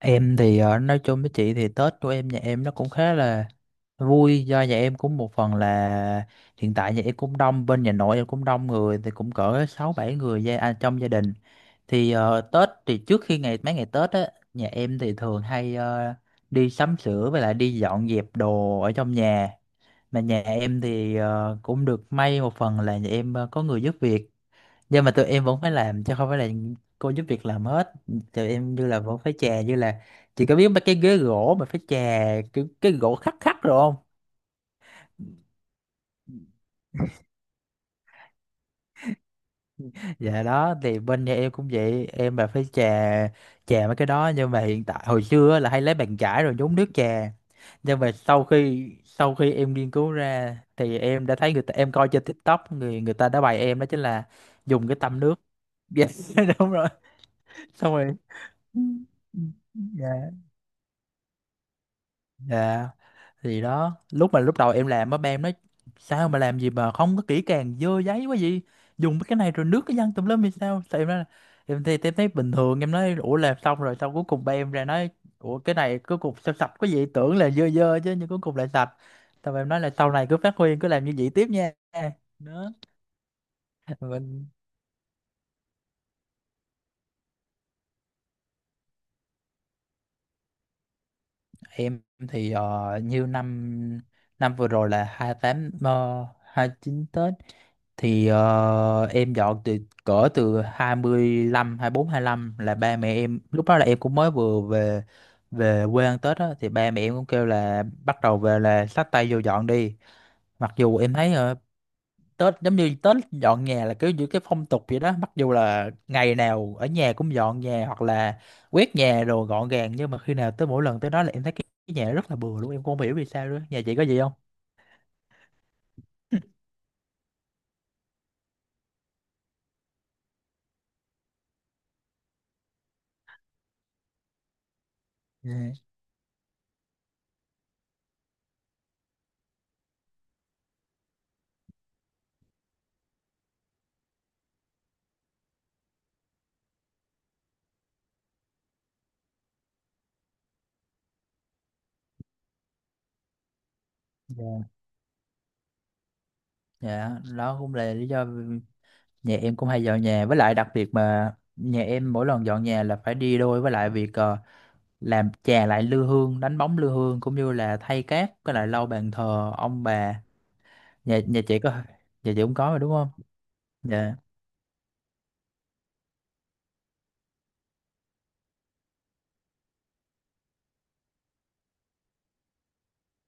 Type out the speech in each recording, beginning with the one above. Em thì nói chung với chị thì Tết của em nhà em nó cũng khá là vui, do nhà em cũng một phần là hiện tại nhà em cũng đông, bên nhà nội em cũng đông người thì cũng cỡ sáu bảy người trong gia đình. Thì Tết thì trước khi ngày mấy ngày Tết á nhà em thì thường hay đi sắm sửa với lại đi dọn dẹp đồ ở trong nhà, mà nhà em thì cũng được may, một phần là nhà em có người giúp việc, nhưng mà tụi em vẫn phải làm chứ không phải là cô giúp việc làm hết. Tụi em như là vẫn phải chà, như là chị có biết mấy cái ghế gỗ mà phải chà cái gỗ khắc khắc rồi không? Dạ đó thì bên nhà em cũng vậy, em là phải chà, chà mấy cái đó, nhưng mà hiện tại hồi xưa á là hay lấy bàn chải rồi nhúng nước chà, nhưng mà sau khi em nghiên cứu ra thì em đã thấy người ta, em coi trên TikTok, người người ta đã bày em đó chính là dùng cái tăm nước. Yes, đúng rồi, xong rồi. Ừ. Ừ. Dạ. Dạ. Thì đó, lúc đầu em làm á ba em nói sao mà làm gì mà không có kỹ càng, dơ giấy quá gì, dùng cái này rồi nước cái văng tùm lum thì sao, thì em nói là em thì em thấy bình thường. Em nói ủa làm xong rồi, xong cuối cùng ba em ra nói ủa cái này cuối cùng sao sạch quá vậy, tưởng là dơ dơ chứ nhưng cuối cùng lại sạch, xong em nói là sau này cứ phát huy, cứ làm như vậy tiếp nha. Đó. Mình. Em thì như năm năm vừa rồi là hai tám hai chín Tết thì em dọn từ cỡ từ 25 24 lăm, là ba mẹ em lúc đó là em cũng mới vừa về, về quê ăn Tết á, thì ba mẹ em cũng kêu là bắt đầu về là xách tay vô dọn đi. Mặc dù em thấy Tết giống như Tết dọn nhà là kiểu như cái phong tục vậy đó, mặc dù là ngày nào ở nhà cũng dọn nhà hoặc là quét nhà rồi gọn gàng, nhưng mà khi nào tới mỗi lần tới đó là em thấy cái nhà rất là bừa luôn, em cũng không hiểu vì sao nữa. Nhà chị có gì không? Dạ. Dạ. Dạ, đó cũng là lý do nhà em cũng hay dọn nhà, với lại đặc biệt mà nhà em mỗi lần dọn nhà là phải đi đôi với lại việc làm chà lại lư hương, đánh bóng lư hương, cũng như là thay cát với lại lau bàn thờ ông bà. Nhà nhà chị có. Nhà chị cũng có rồi đúng không? Dạ.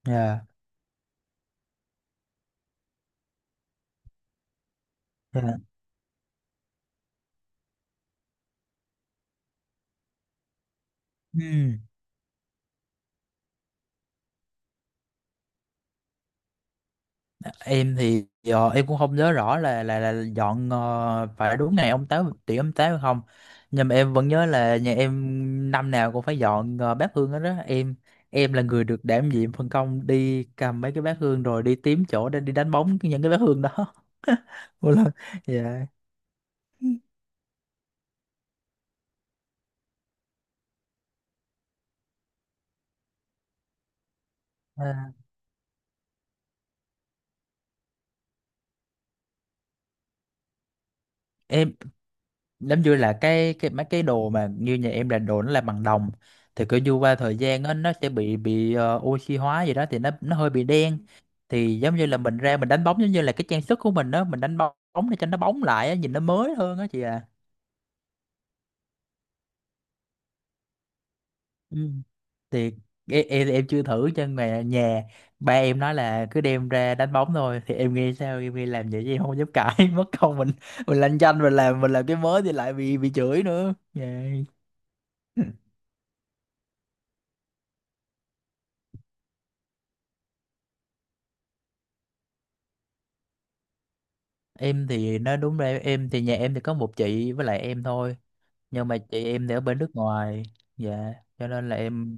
Dạ. Dạ. Ừm. Em thì em cũng không nhớ rõ là là dọn phải đúng ngày ông Táo tiễn ông Táo hay không, nhưng mà em vẫn nhớ là nhà em năm nào cũng phải dọn bát hương hết đó em. Em là người được đảm nhiệm phân công đi cầm mấy cái bát hương rồi đi tím chỗ để đi đánh bóng những cái bát hương đó. Một lần. Dạ. À, em giống như là cái mấy cái đồ mà như nhà em là đồ nó là bằng đồng, thì cứ như qua thời gian á nó sẽ bị oxy hóa gì đó thì nó hơi bị đen. Thì giống như là mình ra mình đánh bóng, giống như là cái trang sức của mình đó, mình đánh bóng để cho nó bóng lại á, nhìn nó mới hơn á chị à. Ừ. Thì em chưa thử cho nhà nhà, ba em nói là cứ đem ra đánh bóng thôi, thì em nghe sao em nghĩ làm vậy chứ em không dám cãi, mất công mình lanh chanh mình làm, mình làm cái mới thì lại bị chửi nữa. Dạ. Em thì nói đúng rồi, em thì nhà em thì có một chị với lại em thôi, nhưng mà chị em thì ở bên nước ngoài. Dạ, cho nên là em.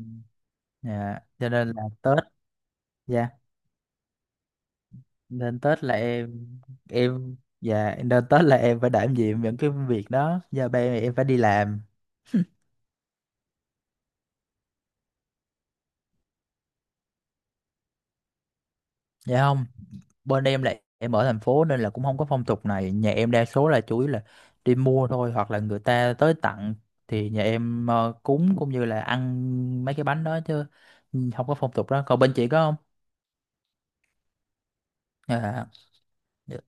Dạ, cho nên là Tết. Dạ, nên Tết là em. Em. Dạ, nên Tết là em phải đảm nhiệm những cái việc đó, do ba em phải đi làm. Dạ không, bên em lại em ở thành phố nên là cũng không có phong tục này. Nhà em đa số là chủ yếu là đi mua thôi hoặc là người ta tới tặng, thì nhà em cúng cũng như là ăn mấy cái bánh đó chứ. Ừ, không có phong tục đó. Còn bên chị có không? Dạ. Dạ.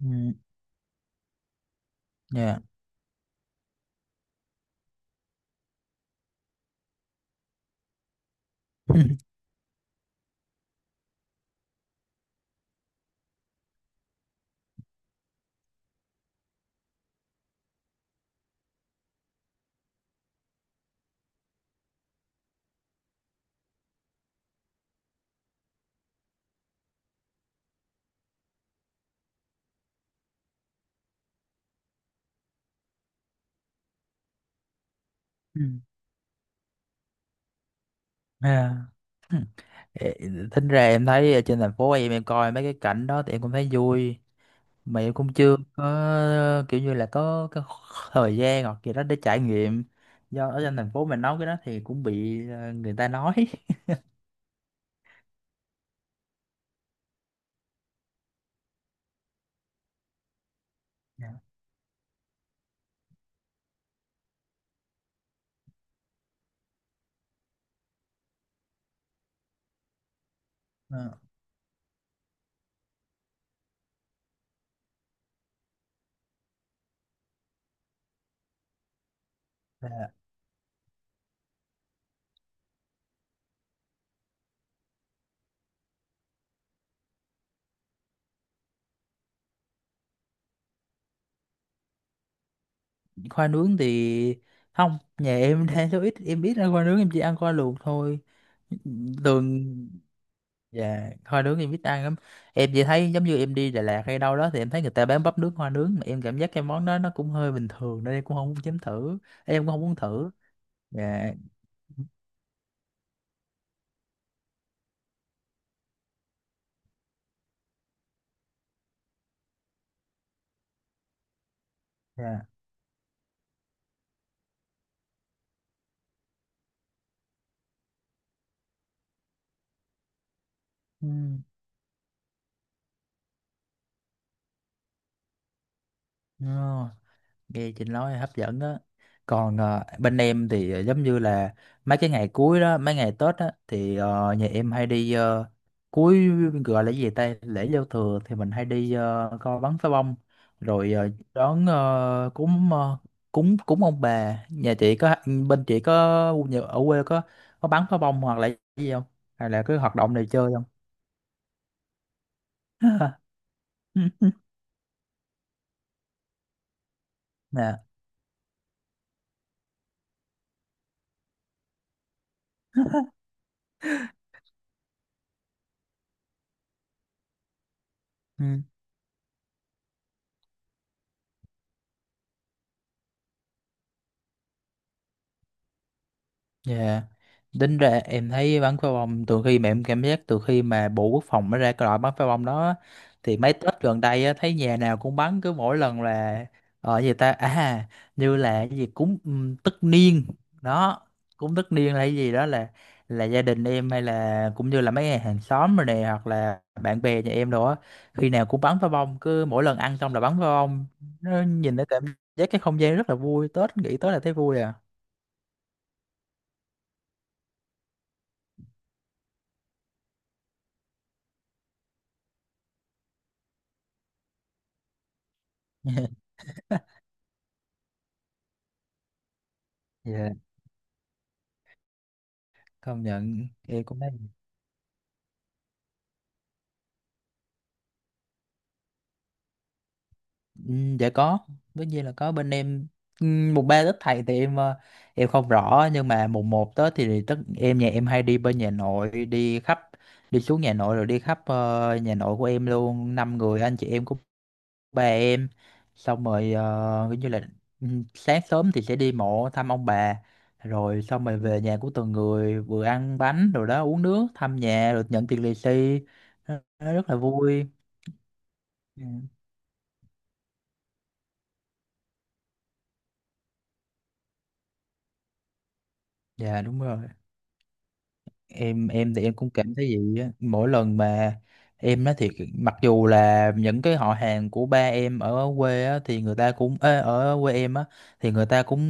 Ừ. Dạ. Ừ. À. Ê. Tính ra em thấy ở trên thành phố em coi mấy cái cảnh đó thì em cũng thấy vui, mà em cũng chưa có kiểu như là có cái thời gian hoặc gì đó để trải nghiệm, do ở trên thành phố mình nói cái đó thì cũng bị người ta nói. Dạ. Ờ. là khoai nướng thì không, nhà em đang số ít, em ít ăn khoai nướng, em chỉ ăn khoai luộc thôi thường. Dạ, khoai nướng em ít ăn lắm, em chỉ thấy giống như em đi Đà Lạt hay đâu đó thì em thấy người ta bán bắp nước khoai nướng, mà em cảm giác cái món đó nó cũng hơi bình thường nên em cũng không muốn chấm thử, em cũng không muốn thử. Dạ. Dạ. Ừ. Nghe chị nói hấp dẫn đó. Còn bên em thì giống như là mấy cái ngày cuối đó, mấy ngày Tết á thì nhà em hay đi ờ, cuối gọi là cái gì ta lễ giao thừa, thì mình hay đi coi bắn pháo bông, rồi đón cúng cúng cúng ông bà. Nhà chị có? Bên chị có ở quê có bắn pháo bông hoặc là cái gì không, hay là cái hoạt động này chơi không? Nè. Ừ. Dạ. Tính ra em thấy bắn pháo bông từ khi mà em cảm giác từ khi mà Bộ Quốc phòng nó ra cái loại bắn pháo bông đó á, thì mấy Tết gần đây á, thấy nhà nào cũng bắn. Cứ mỗi lần là ở gì ta à, như là cái gì cúng tất niên đó, cúng tất niên là cái gì đó, là gia đình em hay là cũng như là mấy hàng xóm rồi này hoặc là bạn bè nhà em đồ á, khi nào cũng bắn pháo bông, cứ mỗi lần ăn xong là bắn pháo bông. Nó nhìn nó cảm giác cái không gian rất là vui, Tết nghĩ tới là thấy vui à. Dạ. Công nhận thì cũng thấy. Ừ. Dạ có, tất nhiên là có bên em. Ừ, mùng ba Tết thầy thì em em không rõ, nhưng mà mùng một Tết thì tất em nhà em hay đi bên nhà nội, đi khắp, đi xuống nhà nội rồi đi khắp nhà nội của em luôn năm người anh chị em của ba em. Xong rồi kiểu như là ừ, sáng sớm thì sẽ đi mộ thăm ông bà, rồi xong rồi về nhà của từng người, vừa ăn bánh rồi đó uống nước thăm nhà rồi nhận tiền lì xì, nó rất là vui. Ừ. Dạ đúng rồi, em thì em cũng cảm thấy vậy á, mỗi lần mà em nói thiệt mặc dù là những cái họ hàng của ba em ở quê á thì người ta cũng ê, ở quê em á thì người ta cũng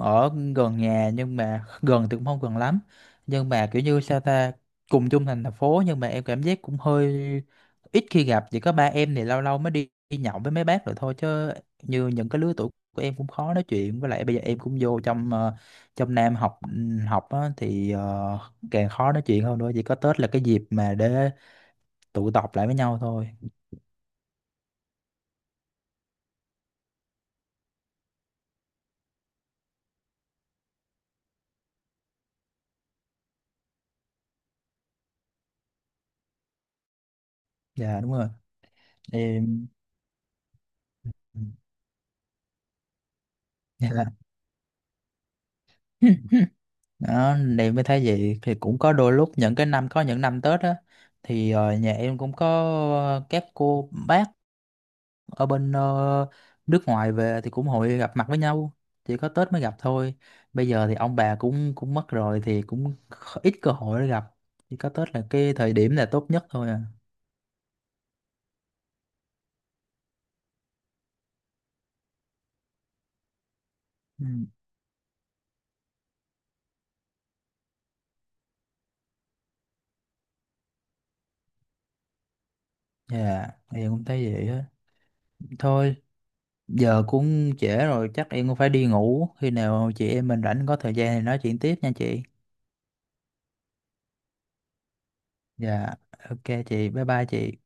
ở gần nhà, nhưng mà gần thì cũng không gần lắm, nhưng mà kiểu như sao ta, cùng chung thành thành phố nhưng mà em cảm giác cũng hơi ít khi gặp, chỉ có ba em thì lâu lâu mới đi nhậu với mấy bác rồi thôi chứ. Như những cái lứa tuổi của em cũng khó nói chuyện, với lại bây giờ em cũng vô trong trong Nam học, học á, thì càng khó nói chuyện hơn nữa, chỉ có Tết là cái dịp mà để tụ tập lại với nhau thôi. Dạ đúng rồi. Em. Ừ. Dạ. Đó em mới thấy vậy, thì cũng có đôi lúc những cái năm, có những năm Tết á thì nhà em cũng có các cô bác ở bên nước ngoài về thì cũng hội gặp mặt với nhau, chỉ có Tết mới gặp thôi. Bây giờ thì ông bà cũng cũng mất rồi, thì cũng ít cơ hội để gặp, chỉ có Tết là cái thời điểm là tốt nhất thôi à. Ừ. Dạ em cũng thấy vậy á thôi. Giờ cũng trễ rồi, chắc em cũng phải đi ngủ. Khi nào chị em mình rảnh có thời gian thì nói chuyện tiếp nha chị. Dạ, ok chị, bye bye chị.